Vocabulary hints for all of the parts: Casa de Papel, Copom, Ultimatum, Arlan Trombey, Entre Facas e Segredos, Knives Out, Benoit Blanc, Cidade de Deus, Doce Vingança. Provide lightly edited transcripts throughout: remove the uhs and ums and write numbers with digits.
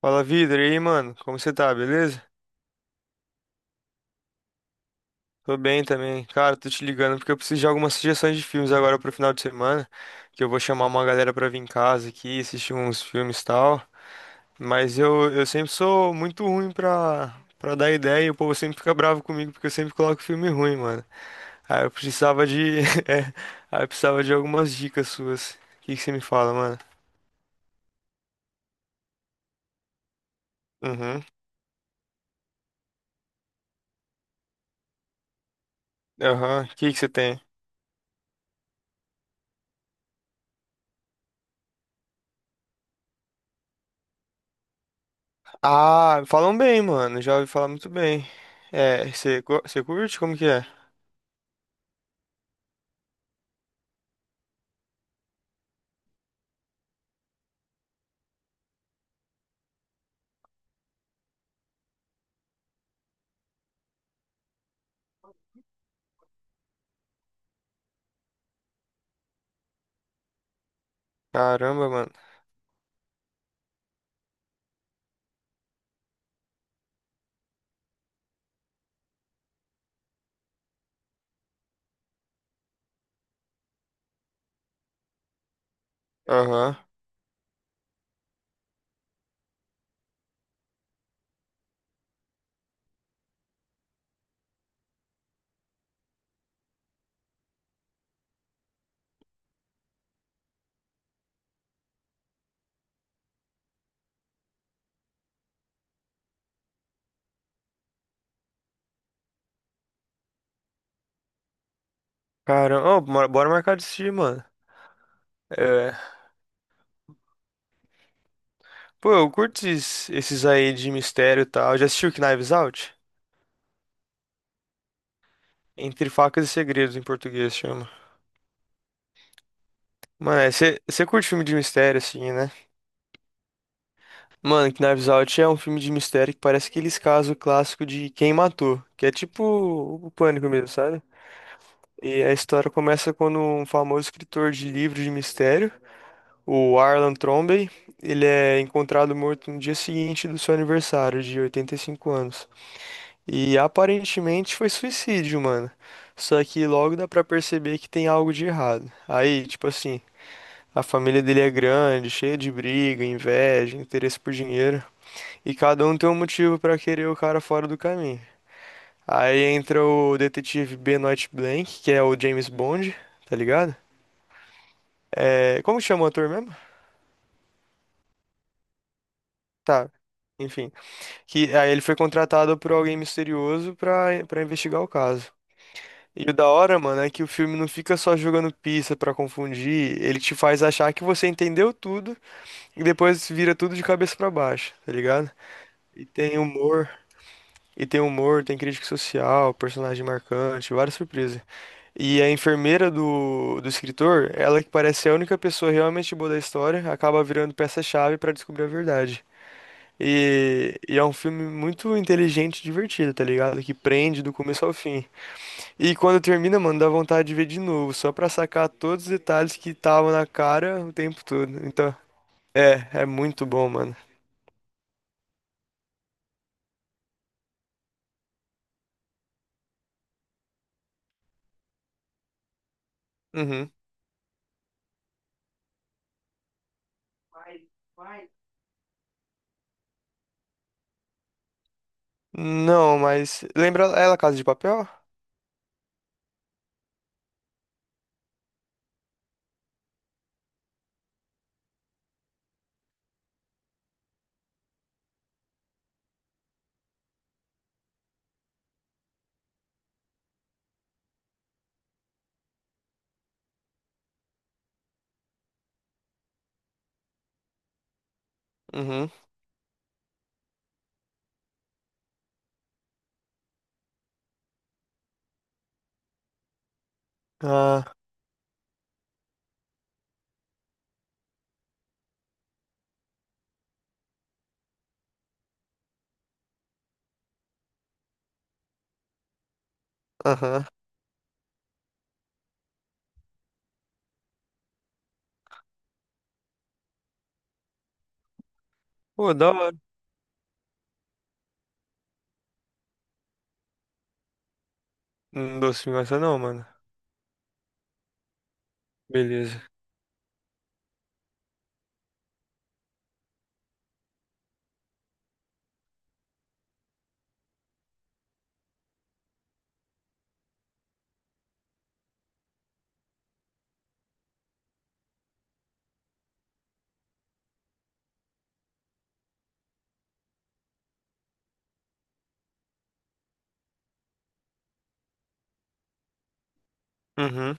Fala, Vidro, e aí, mano? Como você tá, beleza? Tô bem também. Cara, tô te ligando porque eu preciso de algumas sugestões de filmes agora pro final de semana, que eu vou chamar uma galera pra vir em casa aqui, assistir uns filmes e tal. Mas eu sempre sou muito ruim pra dar ideia e o povo sempre fica bravo comigo porque eu sempre coloco filme ruim, mano. Aí eu precisava de... é, aí eu precisava de algumas dicas suas. O que que você me fala, mano? Uhum, aham. O que que você tem? Ah, falam bem, mano. Já ouvi falar muito bem. É, você curte? Como que é? Caramba, mano. Aham. Caramba, ô, bora marcar de assistir, mano. É. Pô, eu curto esses, esses aí de mistério e tal. Já assistiu Knives Out? Entre Facas e Segredos, em português chama. Mano, é, você curte filme de mistério, assim, né? Mano, Knives Out é um filme de mistério que parece aqueles casos clássicos de quem matou. Que é tipo o pânico mesmo, sabe? E a história começa quando um famoso escritor de livros de mistério, o Arlan Trombey, ele é encontrado morto no dia seguinte do seu aniversário de 85 anos. E aparentemente foi suicídio, mano. Só que logo dá pra perceber que tem algo de errado. Aí, tipo assim, a família dele é grande, cheia de briga, inveja, interesse por dinheiro, e cada um tem um motivo pra querer o cara fora do caminho. Aí entra o detetive Benoit Blanc, que é o James Bond, tá ligado? É, como que chama o ator mesmo? Tá, enfim. Que aí ele foi contratado por alguém misterioso pra investigar o caso. E o da hora, mano, é que o filme não fica só jogando pista pra confundir, ele te faz achar que você entendeu tudo e depois vira tudo de cabeça pra baixo, tá ligado? E tem humor, tem crítica social, personagem marcante, várias surpresas. E a enfermeira do escritor, ela que parece a única pessoa realmente boa da história, acaba virando peça-chave pra descobrir a verdade. E é um filme muito inteligente e divertido, tá ligado? Que prende do começo ao fim. E quando termina, mano, dá vontade de ver de novo, só pra sacar todos os detalhes que estavam na cara o tempo todo. Então, é muito bom, mano. Uhum. Não, mas. Lembra ela, Casa de Papel? Uhum. Ah, aham. Pô, da hora. Não dou sem essa não, mano. Beleza. Uhum.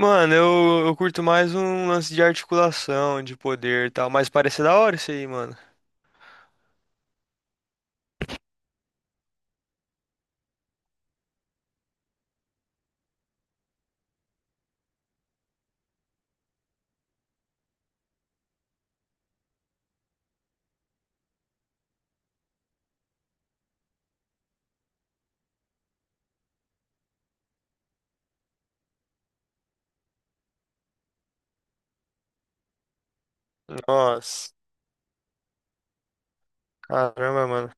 Mano, eu curto mais um lance de articulação, de poder e tal, mas parece da hora isso aí, mano. Nossa. Caramba, mano.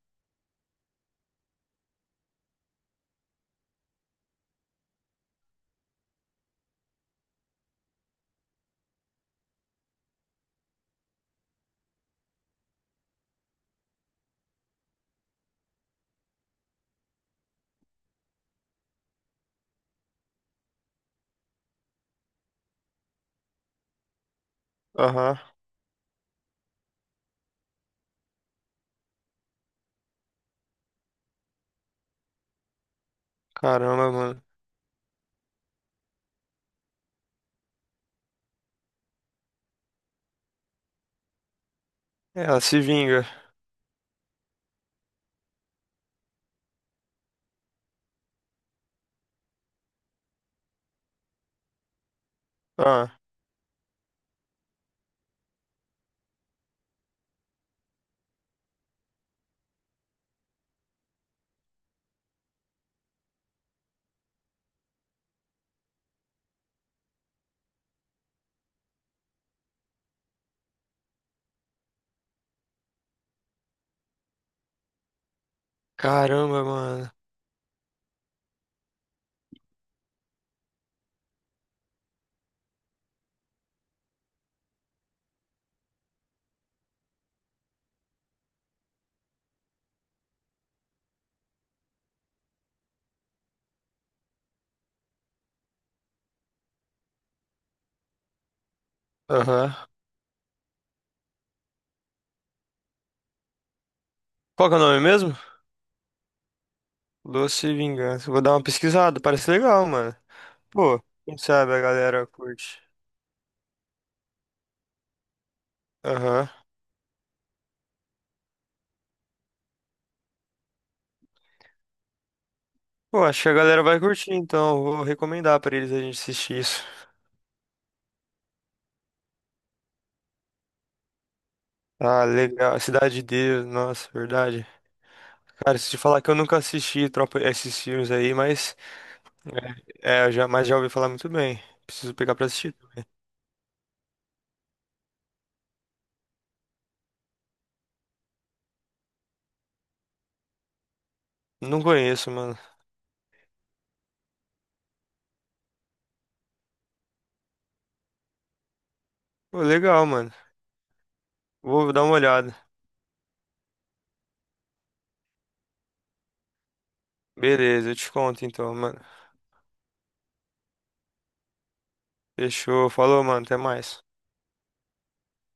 Aham. Caramba, mano. É, ela se vinga. Ah. Caramba, mano. Aham. Qual que é o nome mesmo? Doce Vingança. Vou dar uma pesquisada. Parece legal, mano. Pô, quem sabe a galera curte. Aham. Pô, acho que a galera vai curtir, então. Eu vou recomendar pra eles a gente assistir isso. Ah, legal. Cidade de Deus. Nossa, verdade. Cara, se te falar que eu nunca assisti tropa, esses filmes aí, mas, é, eu já, mas já ouvi falar muito bem. Preciso pegar pra assistir. Não conheço, mano. Pô, legal, mano. Vou dar uma olhada. Beleza, eu te conto então, mano. Fechou. Falou, mano. Até mais.